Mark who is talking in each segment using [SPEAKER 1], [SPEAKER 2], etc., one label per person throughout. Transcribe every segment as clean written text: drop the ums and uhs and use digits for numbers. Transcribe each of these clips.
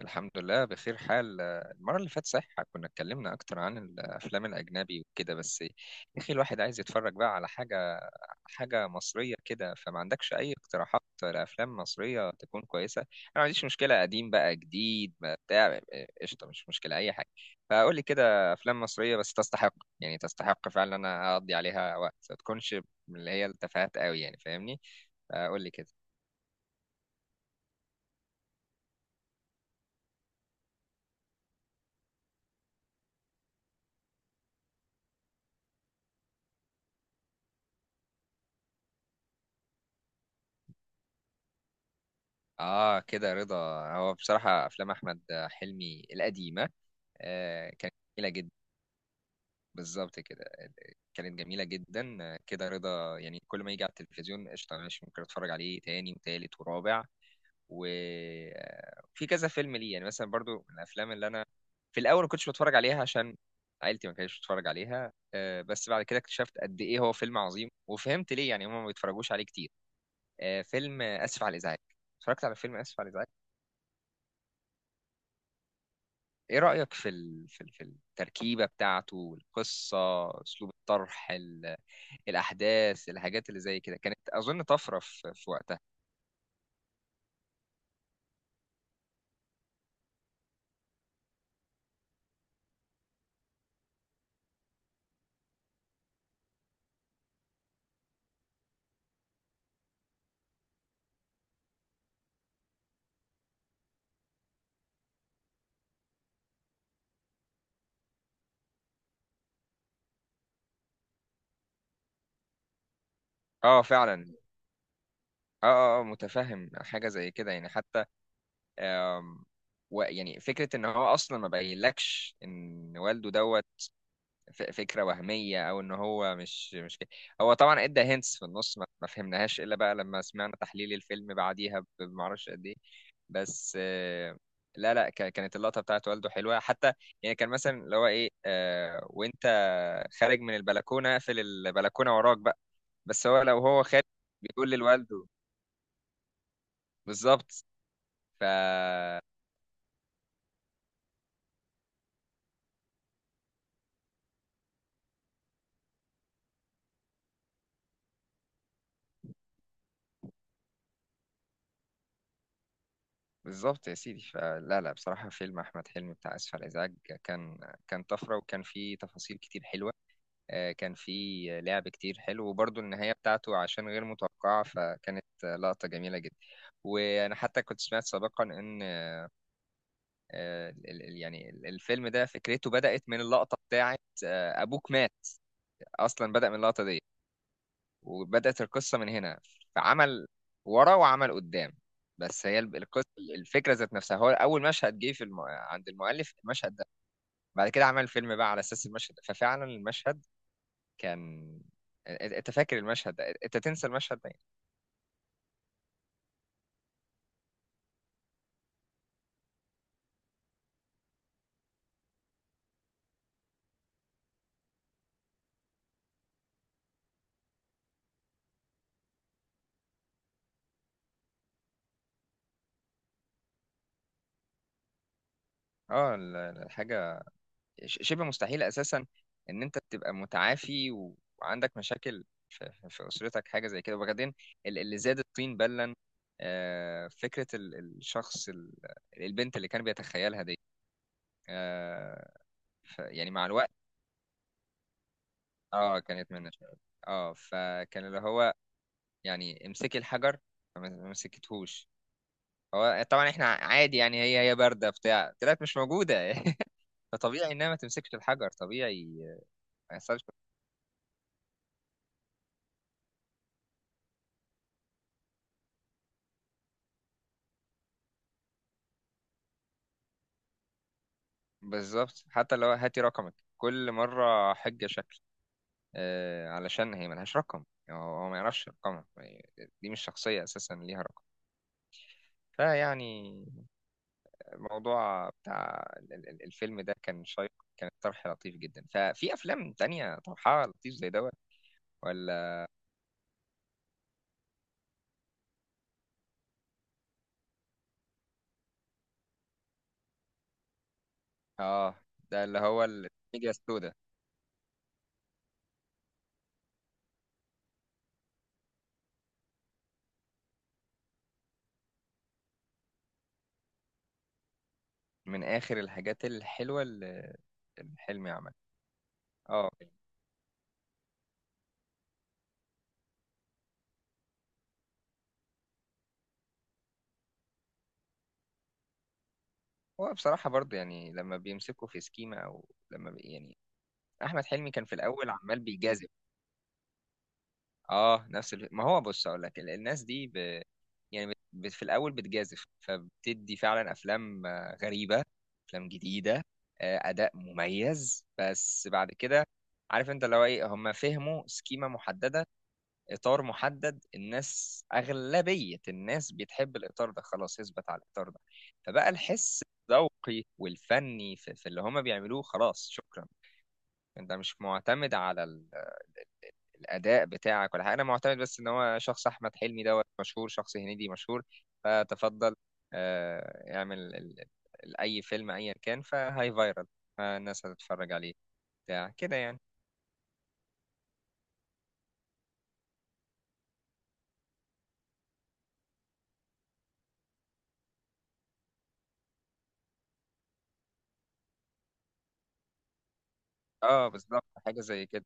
[SPEAKER 1] الحمد لله بخير حال. المرة اللي فاتت صحيح كنا اتكلمنا أكتر عن الأفلام الأجنبي وكده، بس يا أخي الواحد عايز يتفرج بقى على حاجة مصرية كده. فما عندكش أي اقتراحات لأفلام مصرية تكون كويسة؟ أنا ما عنديش مشكلة، قديم بقى جديد ما بتاع، قشطة، مش مشكلة أي حاجة. فقول لي كده أفلام مصرية بس تستحق، يعني تستحق فعلا إن أنا أقضي عليها وقت، ما تكونش من اللي هي التفاهات قوي، يعني فاهمني. فقول لي كده. آه، كده رضا. هو بصراحة أفلام أحمد حلمي القديمة كانت جميلة جدا. بالظبط كده. كانت جميلة جدا. كده رضا يعني كل ما يجي على التلفزيون قشطة، ماشي، ممكن اتفرج عليه تاني وتالت ورابع. وفي كذا فيلم ليه يعني، مثلا برضو من الافلام اللي انا في الاول ما كنتش بتفرج عليها عشان عيلتي ما كانتش بتتفرج عليها بس بعد كده اكتشفت قد ايه هو فيلم عظيم، وفهمت ليه يعني هم ما بيتفرجوش عليه كتير. آه، فيلم آه، اسف على الازعاج. اتفرجت على فيلم اسف على الازعاج. ايه رأيك في التركيبة بتاعته، القصة، اسلوب الطرح، الاحداث، الحاجات اللي زي كده كانت اظن طفرة في وقتها. اه فعلا. متفهم حاجة زي كده يعني، حتى آم... يعني فكرة ان هو اصلا ما بينلكش ان والده دوت، فكرة وهمية او ان هو مش كده. هو طبعا ادى هنتس في النص ما فهمناهاش الا بقى لما سمعنا تحليل الفيلم بعديها بمعرفش قد ايه، بس لا لا ك- كانت اللقطة بتاعت والده حلوة حتى. يعني كان مثلا اللي هو ايه، وانت خارج من البلكونة اقفل البلكونة وراك بقى، بس هو لو هو خارج بيقول لوالده. بالظبط. ف بالظبط يا سيدي. فلا لا بصراحة فيلم أحمد حلمي بتاع آسف على الإزعاج كان، كان طفرة وكان فيه تفاصيل كتير حلوة. آه، كان في لعب كتير حلو، وبرضه النهاية بتاعته عشان غير متوقعة فكانت لقطة جميلة جدا. وأنا حتى كنت سمعت سابقا إن الفيلم ده فكرته بدأت من اللقطة بتاعت أبوك مات، أصلا بدأ من اللقطة دي وبدأت القصة من هنا، فعمل ورا وعمل قدام. بس هي القصة، الفكرة ذات نفسها، هو أول مشهد جه في عند المؤلف المشهد ده، بعد كده عمل فيلم بقى على أساس المشهد ده. ففعلا المشهد كان، انت فاكر المشهد ده، انت تنسى المشهد ده يعني. اه الحاجه شبه مستحيل اساسا ان انت تبقى متعافي وعندك مشاكل في اسرتك حاجه زي كده. وبعدين اللي زاد الطين بلا، فكره البنت اللي كان بيتخيلها دي. آه، يعني مع الوقت. اه كانت من. اه فكان اللي هو يعني، امسكي الحجر، فما ما مسكتهوش. هو طبعا احنا عادي يعني، هي بارده بتاع، طلعت مش موجوده. فطبيعي انها ما تمسكش الحجر طبيعي، ما يحصلش. بالظبط، حتى لو هاتي رقمك كل مره حجه شكل، علشان هي ملهاش رقم، هو ما يعرفش رقمها، دي مش شخصيه اساسا ليها رقم. فيعني الموضوع بتاع الفيلم ده كان شيق، كان طرح لطيف جدا. ففي افلام تانية طرحها لطيف زي دوت ولا؟ اه ده اللي هو الميديا السوداء، من آخر الحاجات الحلوة اللي حلمي عملها. اه. هو بصراحة برضو يعني لما بيمسكوا في سكيمة، أو لما بي يعني، أحمد حلمي كان في الأول عمال بيجازف. اه نفس ما هو، بص أقول لك، الناس دي يعني في الأول بتجازف، فبتدي فعلا أفلام غريبة، أفلام جديدة، أداء مميز، بس بعد كده، عارف أنت، لو إيه هم فهموا سكيمة محددة، اطار محدد، الناس اغلبيه الناس بتحب الاطار ده خلاص، يثبت على الاطار ده. فبقى الحس الذوقي والفني في اللي هما بيعملوه خلاص، شكرا. انت مش معتمد على الاداء بتاعك ولا حاجه. انا معتمد بس ان هو شخص احمد حلمي دوت مشهور، شخص هنيدي مشهور، فتفضل اعمل اي فيلم ايا كان فهاي فايرال، فالناس هتتفرج عليه، بتاع كده يعني. اه بالظبط حاجه زي كده.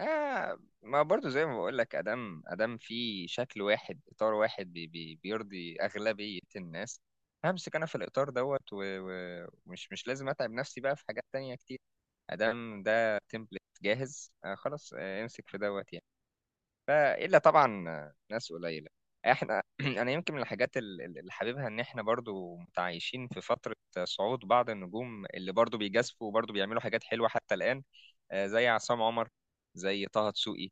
[SPEAKER 1] آه ما برضو زي ما بقول لك، ادام في شكل واحد، اطار واحد، بي بيرضي اغلبيه الناس، همسك انا في الاطار دوت ومش مش لازم اتعب نفسي بقى في حاجات تانية كتير. ادام ده تمبلت جاهز، آه خلاص آه، امسك في دوت يعني. لا الا طبعا ناس قليله. احنا انا يمكن من الحاجات اللي حاببها ان احنا برضو متعايشين في فتره صعود بعض النجوم اللي برضو بيجازفوا وبرضو بيعملوا حاجات حلوه حتى الان، زي عصام عمر، زي طه دسوقي،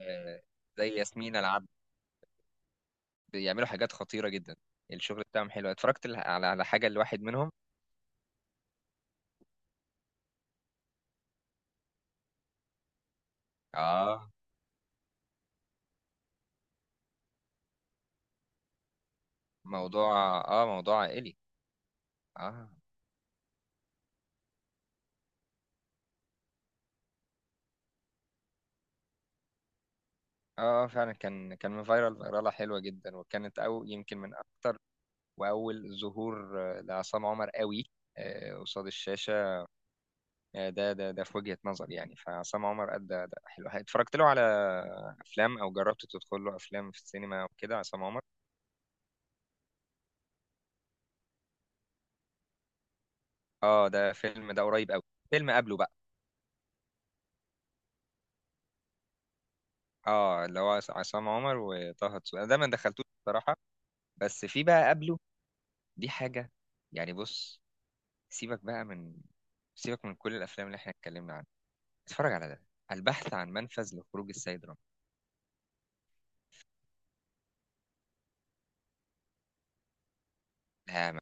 [SPEAKER 1] آه، زي ياسمين العبد، بيعملوا حاجات خطيره جدا. الشغل بتاعهم حلو، اتفرجت على على حاجه لواحد منهم. اه موضوع. اه موضوع عائلي. اه. اه فعلا، كان كان فايرال، فيراله حلوه جدا، وكانت او يمكن من اكتر، واول ظهور لعصام عمر قوي قصاد الشاشه ده في وجهه نظري يعني. فعصام عمر ادى اداء حلو، اتفرجت له على افلام او جربت تدخل له افلام في السينما وكده عصام عمر. اه ده فيلم، ده قريب قوي، فيلم قبله بقى. اه اللي هو عصام عمر وطه دسوقي، انا ده ما دخلتوش بصراحه. بس في بقى قبله دي حاجه، يعني بص، سيبك بقى من، سيبك من كل الافلام اللي احنا اتكلمنا عنها، اتفرج على ده، البحث عن منفذ لخروج السيد رامبو. لا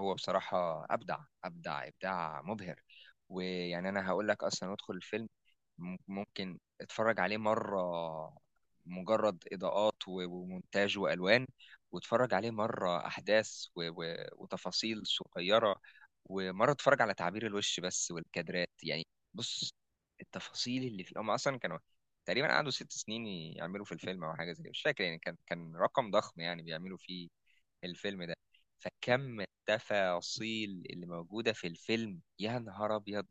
[SPEAKER 1] هو بصراحة أبدع، أبدع إبداع مبهر. ويعني أنا هقول لك، أصلا ادخل الفيلم ممكن اتفرج عليه مرة مجرد إضاءات ومونتاج وألوان، واتفرج عليه مرة أحداث وتفاصيل صغيرة، ومرة اتفرج على تعبير الوش بس والكادرات يعني. بص، التفاصيل اللي فيه، هم أصلا كانوا تقريبا قعدوا 6 سنين يعملوا في الفيلم أو حاجة زي كده، مش فاكر يعني، كان كان رقم ضخم يعني بيعملوا فيه الفيلم ده. فكم التفاصيل اللي موجودة في الفيلم يا نهار أبيض.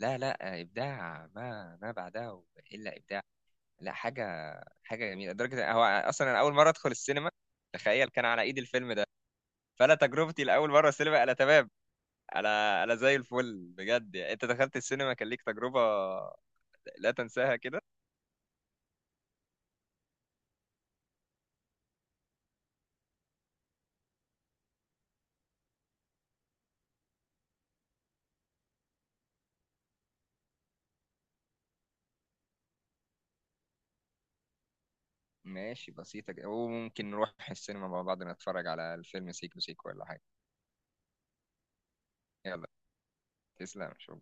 [SPEAKER 1] لا لا، إبداع ما ما بعدها إلا إبداع. لا حاجة، حاجة جميلة لدرجة هو أصلا أنا أول مرة أدخل السينما، تخيل، كان على إيد الفيلم ده. فأنا تجربتي لأول مرة السينما أنا تمام، أنا أنا زي الفل بجد. يعني أنت دخلت السينما كان ليك تجربة لا تنساها كده. ماشي، بسيطة كده، وممكن نروح السينما مع بعض نتفرج على الفيلم سيكو سيكو ولا حاجة. يلا. تسلم. شوف.